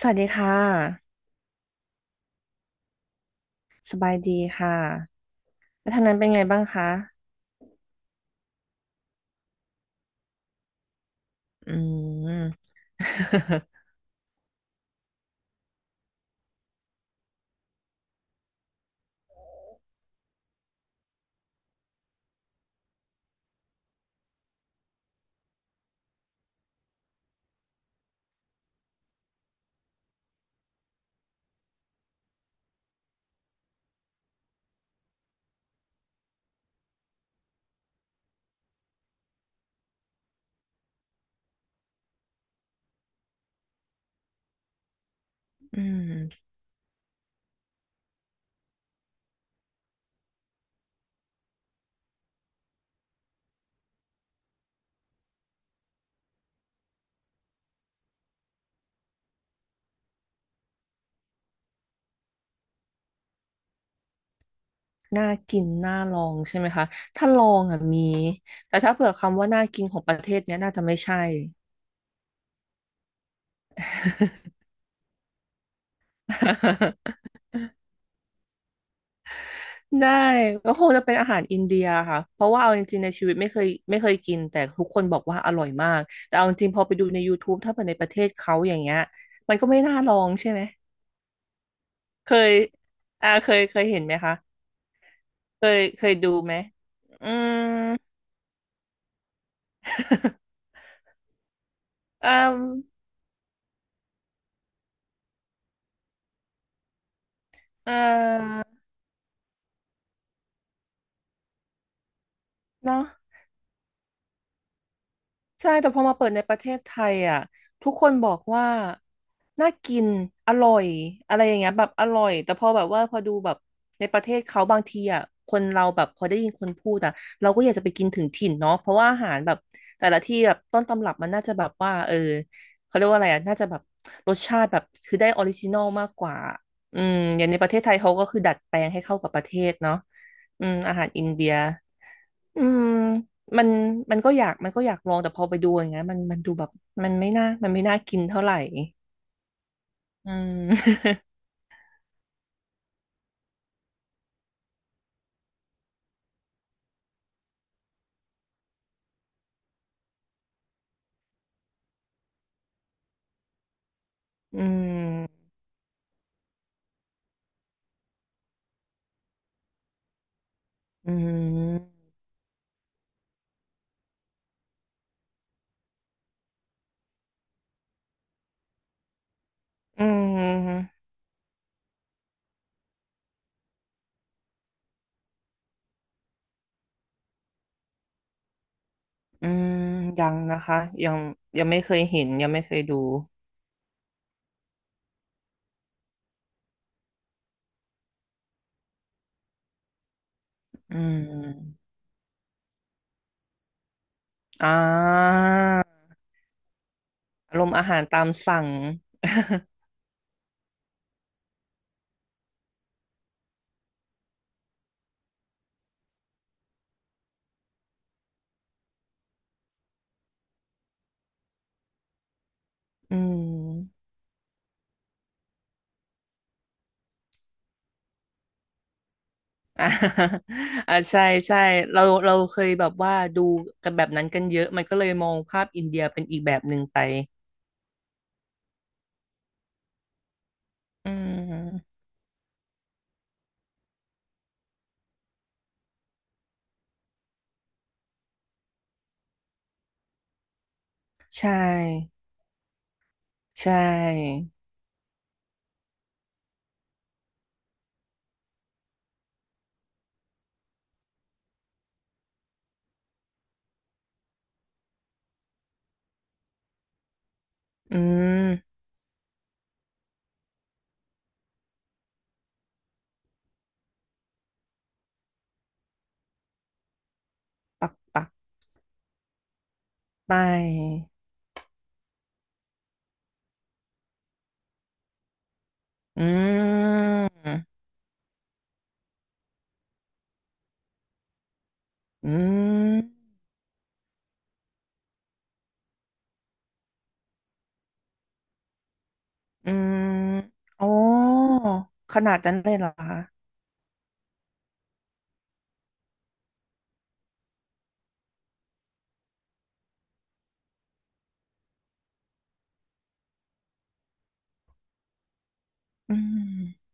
สวัสดีค่ะสบายดีค่ะแล้วทางนั้นเป็นไงบ้างคะอืมอืมน่ากินน่าลองใช่ไหมคะถ้าลองอ่ะมีแต่ถ้าเผื่อคำว่าน่ากินของประเทศเนี้ยน่าจะไม่ใช่ ได้ก็คงจะเป็นอาหารอินเดียค่ะเพราะว่าเอาจริงๆในชีวิตไม่เคยกินแต่ทุกคนบอกว่าอร่อยมากแต่เอาจริงพอไปดูในยูทูบถ้าเผื่อในประเทศเขาอย่างเงี้ยมันก็ไม่น่าลองใช่ไหมเคยเคยเห็นไหมคะ เคยดูไหมอืม อืมเอ่อเนาะ ใช่แต่พอมาเปิดในประเทศไทยอ่ะทุกคนบอกว่าน่ากินอร่อยอะไรอย่างเงี้ยแบบอร่อยแต่พอแบบว่าพอดูแบบในประเทศเขาบางทีอ่ะคนเราแบบพอได้ยินคนพูดอ่ะเราก็อยากจะไปกินถึงถิ่นเนาะเพราะว่าอาหารแบบแต่ละที่แบบต้นตำรับมันน่าจะแบบว่าเออเขาเรียกว่าอะไรอ่ะน่าจะแบบรสชาติแบบคือได้ออริจินอลมากกว่าอืมอย่างในประเทศไทยเขาก็คือดัดแปลงให้เข้ากับประเทศเนาะอืมอาหารอินเดีย อืมมันมันก็อยากลองแต่พอไปดูอย่างเงี้ยมันดูแบบมันไม่น่ากินเท่าไหร่อืม อืมอืมอืมอืมยังนะคะยังยังไม่เคยเห็นยังไม่เคยดูอืมอ่าอารมณ์อาหารตามสั่ง อืม อ่าอ่าใช่ใช่เราเคยแบบว่าดูกันแบบนั้นกันเยอะมันก็เลยมองภาพอินเดียเป็นอีกแบบหนึ่งไปอืม ใช่ใช่อืมปักปักไป อืมอืมอืมโอ้ขนาดนั้นเลยเหรอคะอืม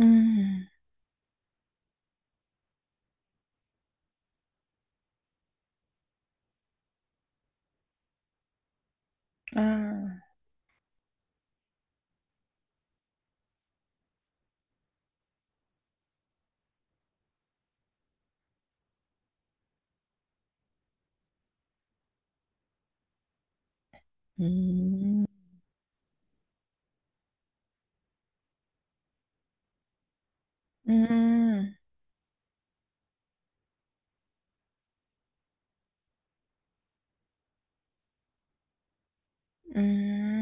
อืมอ่าอืมอืมอืม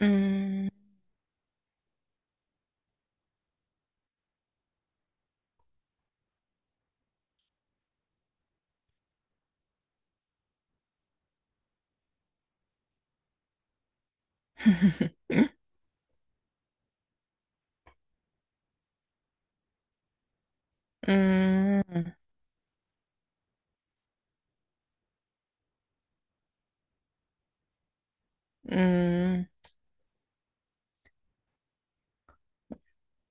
อืมอืมอืม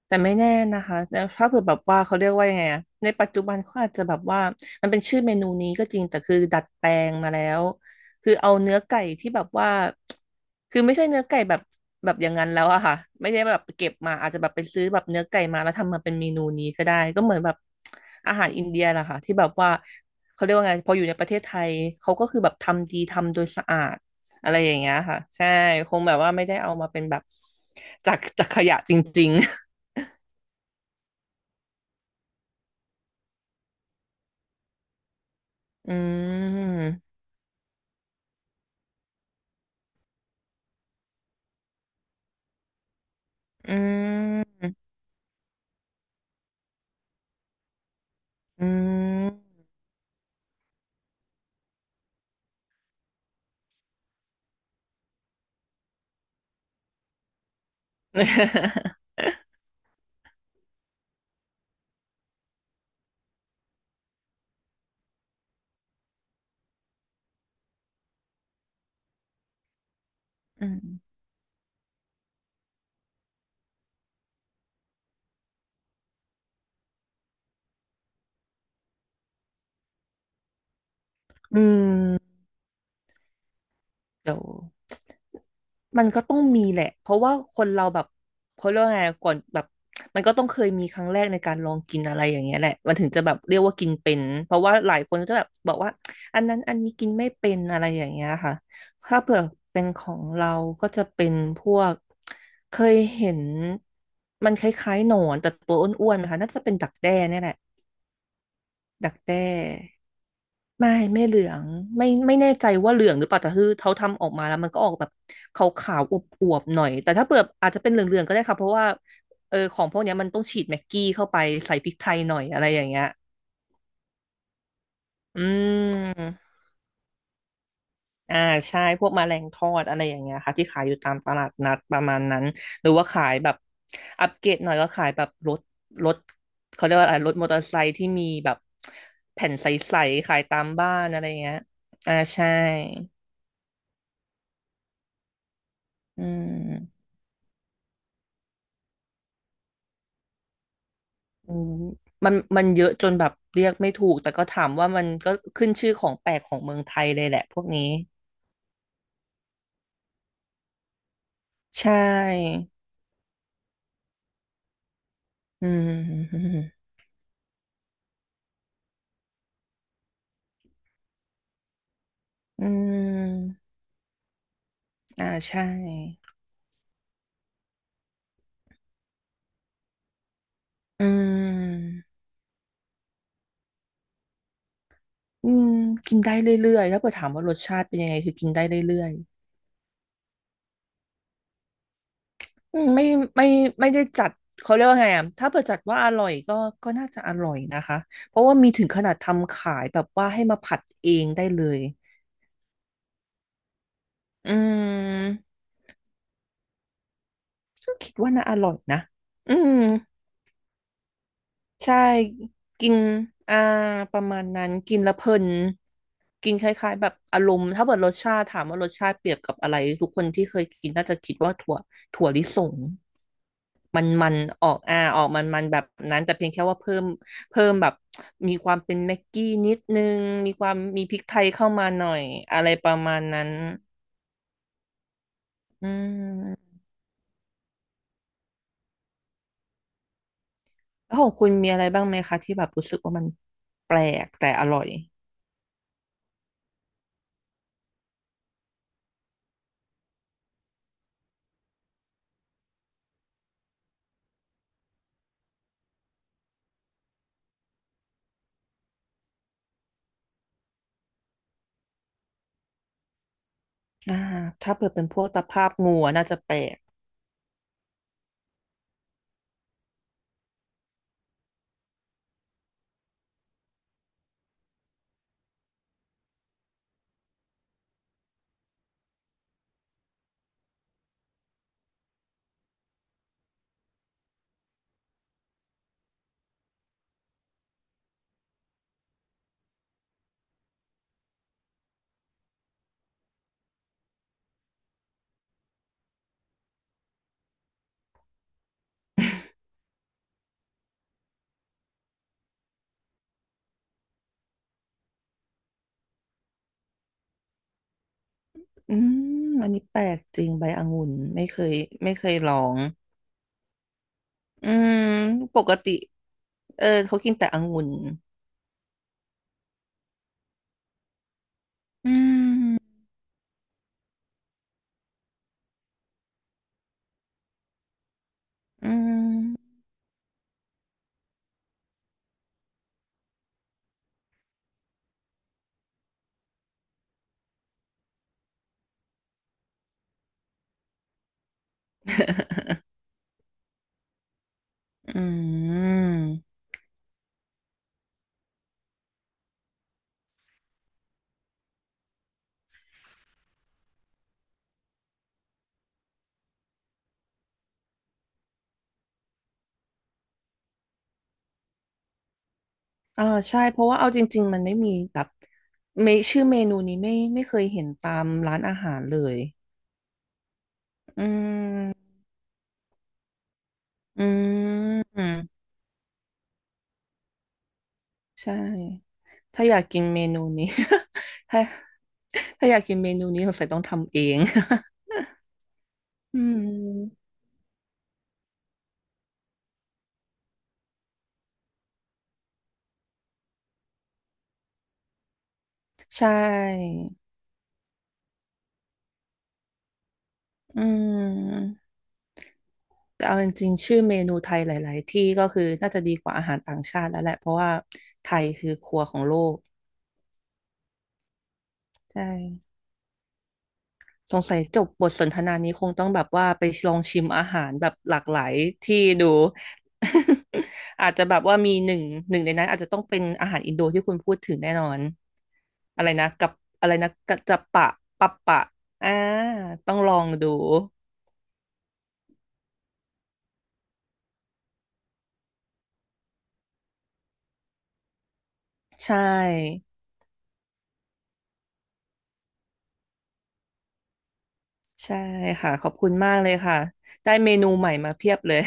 แต่ไม่แน่นะคะแต่ถ้าเผื่อแบบว่าเขาเรียกว่ายังไงอะในปัจจุบันเขาอาจจะแบบว่ามันเป็นชื่อเมนูนี้ก็จริงแต่คือดัดแปลงมาแล้วคือเอาเนื้อไก่ที่แบบว่าคือไม่ใช่เนื้อไก่แบบแบบอย่างนั้นแล้วอะค่ะไม่ได้แบบเก็บมาอาจจะแบบไปซื้อแบบเนื้อไก่มาแล้วทำมาเป็นเมนูนี้ก็ได้ก็เหมือนแบบอาหารอินเดียแหละค่ะที่แบบว่าเขาเรียกว่าไงพออยู่ในประเทศไทยเขาก็คือแบบทำดีทำโดยสะอาดอะไรอย่างเงี้ยค่ะใช่คงแบบว่าไม่ได้เอามาเป็นแบบจากขยะจริง อืมอืมอืม อืมอืมเดี๋ยวมันก็ต้องมีแหละ เพราะว่าคนเราแบบเขาเรียกว่าไงก่อนแบบมันก็ต้องเคยมีครั้งแรกในการลองกินอะไรอย่างเงี้ยแหละมันถึงจะแบบเรียกว่ากินเป็นเพราะว่าหลายคนก็จะแบบบอกว่าอันนั้นอันนี้กินไม่เป็นอะไรอย่างเงี้ยค่ะ ถ้าเผื่อเป็นของเราก็จะเป็นพวกเคยเห็นมันคล้ายๆหนอนแต่ตัวอ้วนๆนะคะน่าจะเป็นดักแด้เนี่ยแหละ ดักแด้ไม่เหลืองไม่แน่ใจว่าเหลืองหรือเปล่าแต่คือเขาทำออกมาแล้วมันก็ออกแบบขาวขาวอวบอวบๆหน่อยแต่ถ้าเปิดอาจจะเป็นเหลืองเหลืองก็ได้ค่ะเพราะว่าเออของพวกเนี้ยมันต้องฉีดแม็กกี้เข้าไปใส่พริกไทยหน่อยอะไรอย่างเงี้ยอืม อ่าใช่พวกแมลงทอดอะไรอย่างเงี้ยค่ะที่ขายอยู่ตามตลาดนัดประมาณนั้นหรือว่าขายแบบอัปเกรดหน่อยก็ขายแบบรถเขาเรียกว่าอะไรรถมอเตอร์ไซค์ที่มีแบบแผ่นใสๆขายตามบ้านอะไรอย่างเงี้ยอ่าใช่อืมอืมมันเยอะจนแบบเรียกไม่ถูกแต่ก็ถามว่ามันก็ขึ้นชื่อของแปลกของเมืองไทยเลยแหละพวกนี้ใช่อืมอืมอ่าใช่อืม อืมกินได้เรื่อยๆถ้าเกิดถามว่ารสชาติเป็นยังไงคือกินได้เรื่อยๆอืมไม่ไม่ได้จัดเขาเรียกว่าไงอ่ะถ้าเกจัดว่าอร่อยก็น่าจะอร่อยนะคะเพราะว่ามีถึงขนาดทำขายแบบว่าให้มาผัดเองได้เลยอืมก็คิดว่าน่าอร่อยนะอืมใช่กินอ่าประมาณนั้นกินแล้วเพลิน กินคล้ายๆแบบอารมณ์ถ้าเกิดรสชาติถามว่ารสชาติเปรียบกับอะไรทุกคนที่เคยกินน่าจะคิดว่าถั่วลิสงมันออกออกมันแบบนั้นแต่เพียงแค่ว่าเพิ่มแบบมีความเป็นแม็กกี้นิดนึงมีความมีพริกไทยเข้ามาหน่อยอะไรประมาณนั้นอืมแล้วของคุณมีอะไรบ้างไหมคะที่แบบรู้สึกว่ามันแปลกแต่อร่อยอ่าถ้าเปิดเป็นพวกตะภาพงูอะน่าจะแปลก อืมอันนี้แปลกจริงใบองุ่นไม่เคยลองอืมปกติเออเขากินแต่องุ่นอืมอืมอืมอ่าใช่เพราะว่าเอาจริงๆมันไม่มีแบบชื่อเมนูนี้ไม่เคยเห็นตามร้านอาหารเลยอืมอืมใช่ถ้าอยากกินเมนูนี้ ถ้าถ้าอยากกินเมนูนี้สงสัยต้องทำเอง อืมใช่ อืมแต่เอาจริงๆชื่อเมนูไทยหลายๆ ที่ก็คือน่าจะดีกว่าอาหารต่างชาติแล้วแหละเพราะว่าไทยคือครัวของโลกใช่สงสัยจบบทสนทนานี้คงต้องแบบว่าไปลองชิมอาหารแบบหลากหลายที่ดู อาจจะแบบว่ามีหนึ่งในนั้นอาจจะต้องเป็นอาหารอินโดที่คุณพูดถึงแน่นอนอะไรนะกับอะไรนะกัจจะปะปะปะอ่าต้องลองดูใช่ ใช่ค่ะขอบคุณมากเลยค่ะได้เมนูใหม่มาเพียบเลย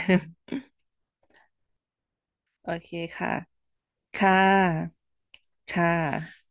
โอเคค่ะค่ะค่ะ